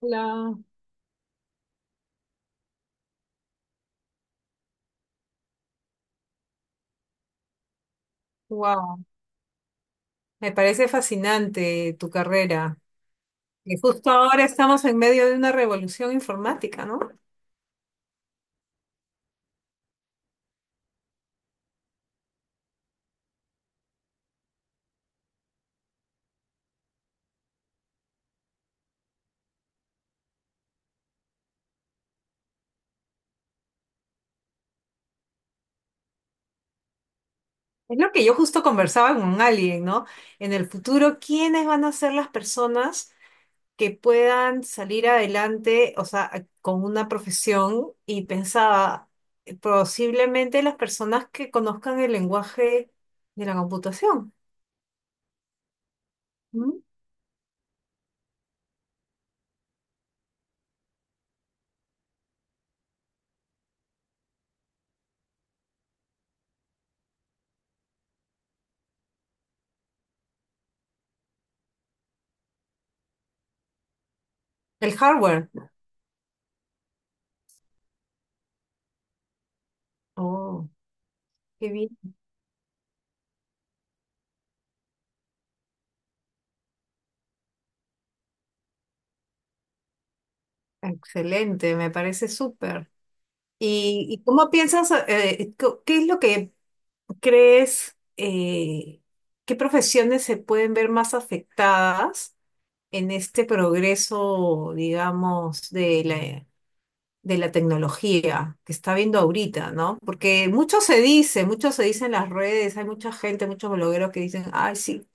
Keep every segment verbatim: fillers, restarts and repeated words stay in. Hola, wow, me parece fascinante tu carrera. Y justo ahora estamos en medio de una revolución informática, ¿no? Es lo que yo justo conversaba con alguien, ¿no? En el futuro, ¿quiénes van a ser las personas que puedan salir adelante, o sea, a- con una profesión? Y pensaba, eh, posiblemente las personas que conozcan el lenguaje de la computación. ¿M? El hardware. Oh, qué bien. Excelente, me parece súper. ¿Y, y cómo piensas, eh, co- qué es lo que crees, eh, qué profesiones se pueden ver más afectadas en este progreso, digamos, de la, de la tecnología que está viendo ahorita, ¿no? Porque mucho se dice, mucho se dice en las redes, hay mucha gente, muchos blogueros que dicen, ay, sí,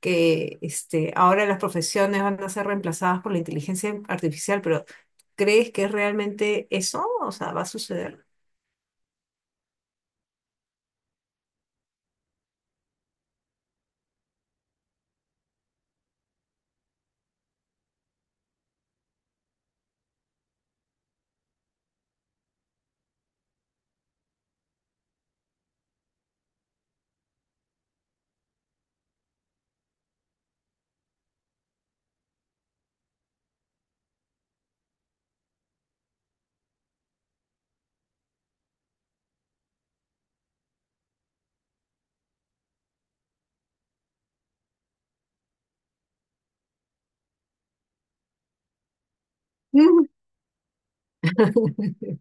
que este, ahora las profesiones van a ser reemplazadas por la inteligencia artificial, pero ¿crees que es realmente eso? O sea, ¿va a suceder?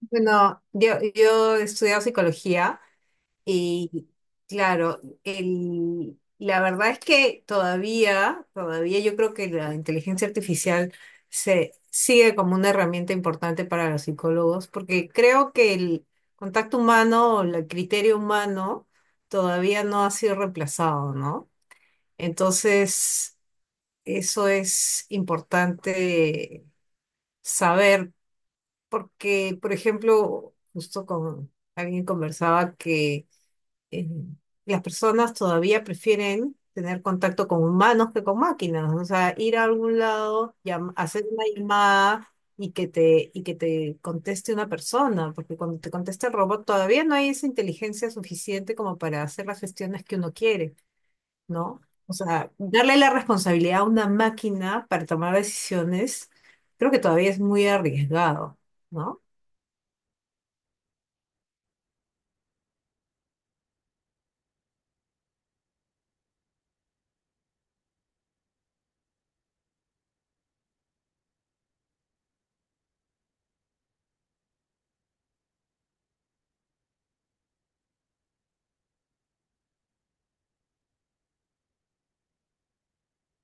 Bueno, yo, yo he estudiado psicología y claro, el, la verdad es que todavía, todavía yo creo que la inteligencia artificial se sigue como una herramienta importante para los psicólogos, porque creo que el contacto humano, o el criterio humano, todavía no ha sido reemplazado, ¿no? Entonces, eso es importante saber porque, por ejemplo, justo con alguien conversaba que eh, las personas todavía prefieren tener contacto con humanos que con máquinas, o sea, ir a algún lado, llam- hacer una llamada y que te, y que te conteste una persona, porque cuando te contesta el robot todavía no hay esa inteligencia suficiente como para hacer las gestiones que uno quiere, ¿no? O sea, darle la responsabilidad a una máquina para tomar decisiones, creo que todavía es muy arriesgado. ¿No?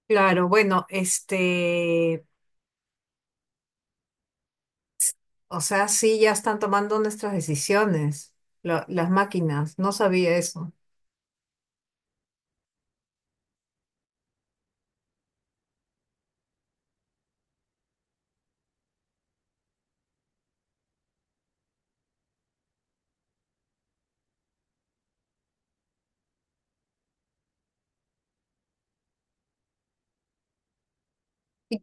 Claro, bueno, este, o sea, sí, ya están tomando nuestras decisiones, la- las máquinas, no sabía eso. Y-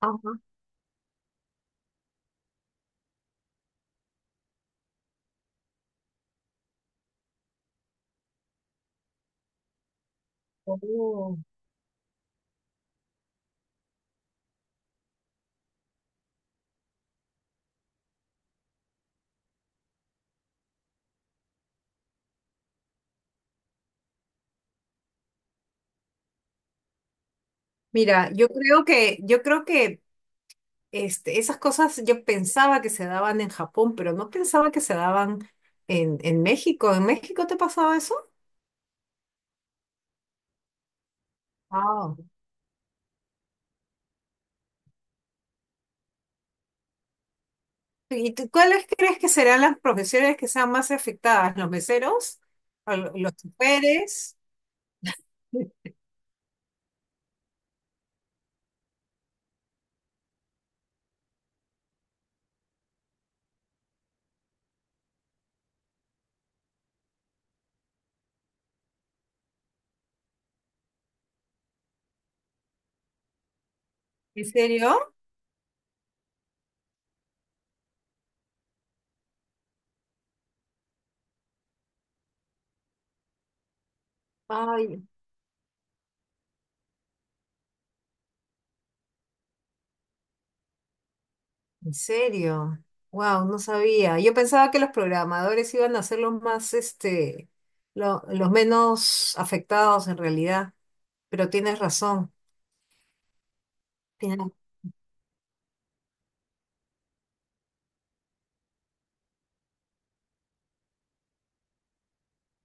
Ajá. Oh. Mira, yo creo que, yo creo que este, esas cosas yo pensaba que se daban en Japón, pero no pensaba que se daban en, en México. ¿En México te pasaba eso? Ah. ¿Y tú, cuáles crees que serán las profesiones que sean más afectadas? ¿Los meseros? ¿O lo- los choferes? ¿En serio? Ay. ¿En serio? Wow, no sabía. Yo pensaba que los programadores iban a ser los más, este, lo- los menos afectados en realidad, pero tienes razón. Tienes.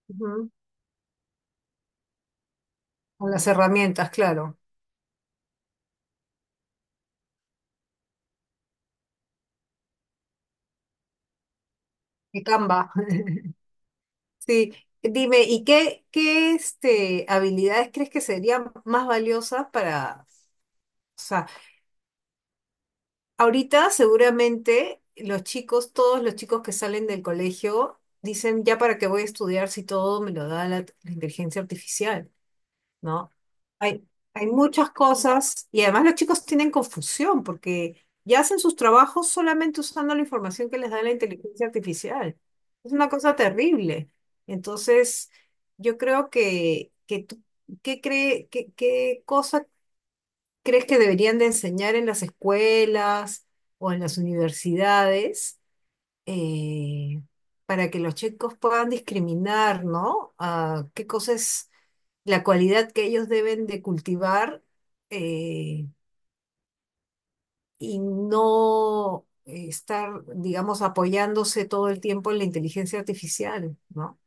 Ujú. Con las herramientas, claro. Y Canva. Sí. Dime, ¿y qué, qué este, habilidades crees que serían más valiosas para, ahorita seguramente los chicos, todos los chicos que salen del colegio, dicen, ya para qué voy a estudiar si todo me lo da la, la inteligencia artificial, ¿no? Hay, hay muchas cosas y además los chicos tienen confusión porque ya hacen sus trabajos solamente usando la información que les da la inteligencia artificial. Es una cosa terrible. Entonces, yo creo que, que tú- ¿qué cree, qué, qué cosa ¿crees que deberían de enseñar en las escuelas o en las universidades eh, para que los chicos puedan discriminar, ¿no? Ah, qué cosa es la cualidad que ellos deben de cultivar eh, y no eh, estar, digamos, apoyándose todo el tiempo en la inteligencia artificial, ¿no?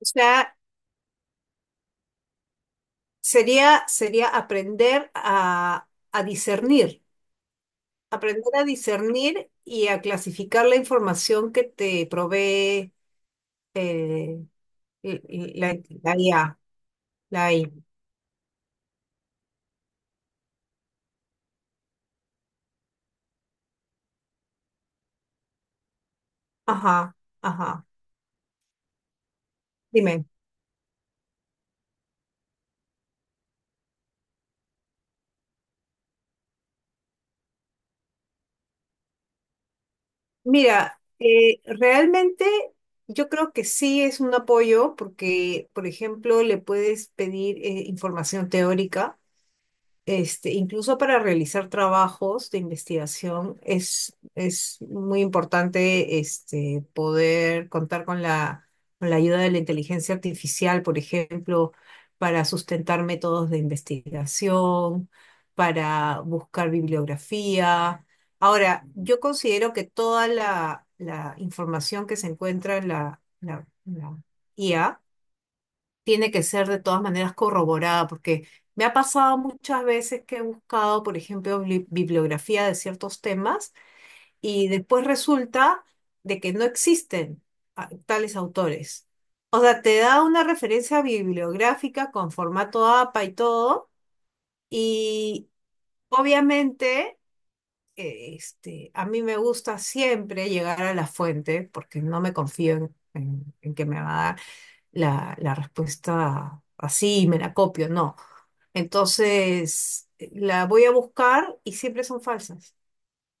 O sea, sería, sería aprender a, a discernir. Aprender a discernir y a clasificar la información que te provee eh, l- l- la, e, la I A, la A I. Ajá, ajá. Dime. Mira, eh, realmente yo creo que sí es un apoyo porque, por ejemplo, le puedes pedir eh, información teórica. Este, incluso para realizar trabajos de investigación es, es muy importante este, poder contar con la, con la ayuda de la inteligencia artificial, por ejemplo, para sustentar métodos de investigación, para buscar bibliografía. Ahora, yo considero que toda la, la información que se encuentra en la, la la I A, tiene que ser de todas maneras corroborada, porque me ha pasado muchas veces que he buscado, por ejemplo, bli- bibliografía de ciertos temas y después resulta de que no existen ah, tales autores. O sea, te da una referencia bibliográfica con formato A P A y todo, y obviamente... eh, este, a mí me gusta siempre llegar a la fuente porque no me confío en en- en que me va a dar la, la respuesta así y me la copio, no. Entonces, la voy a buscar y siempre son falsas.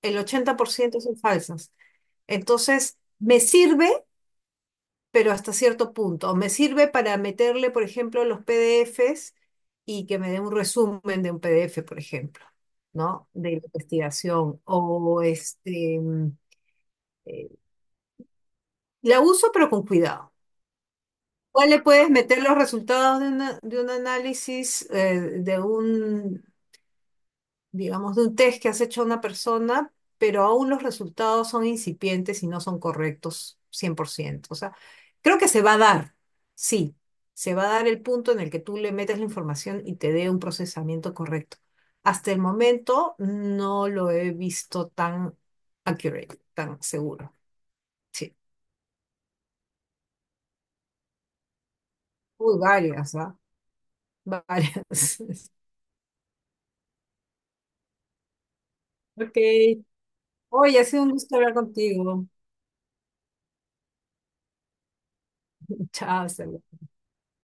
El ochenta por ciento son falsas. Entonces, me sirve, pero hasta cierto punto. Me sirve para meterle, por ejemplo, los P D Efes y que me dé un resumen de un PDF, por ejemplo, ¿no? De la investigación. O este, mm, eh, la uso, pero con cuidado. ¿Cuál le puedes meter los resultados de, una- de un análisis, eh, de un, digamos, de un test que has hecho a una persona, pero aún los resultados son incipientes y no son correctos cien por ciento? O sea, creo que se va a dar, sí, se va a dar el punto en el que tú le metes la información y te dé un procesamiento correcto. Hasta el momento no lo he visto tan accurate, tan seguro. Sí. Uy, varias, ¿ah? Varias. Ok, oye, ha sido un gusto hablar contigo. Chao, hasta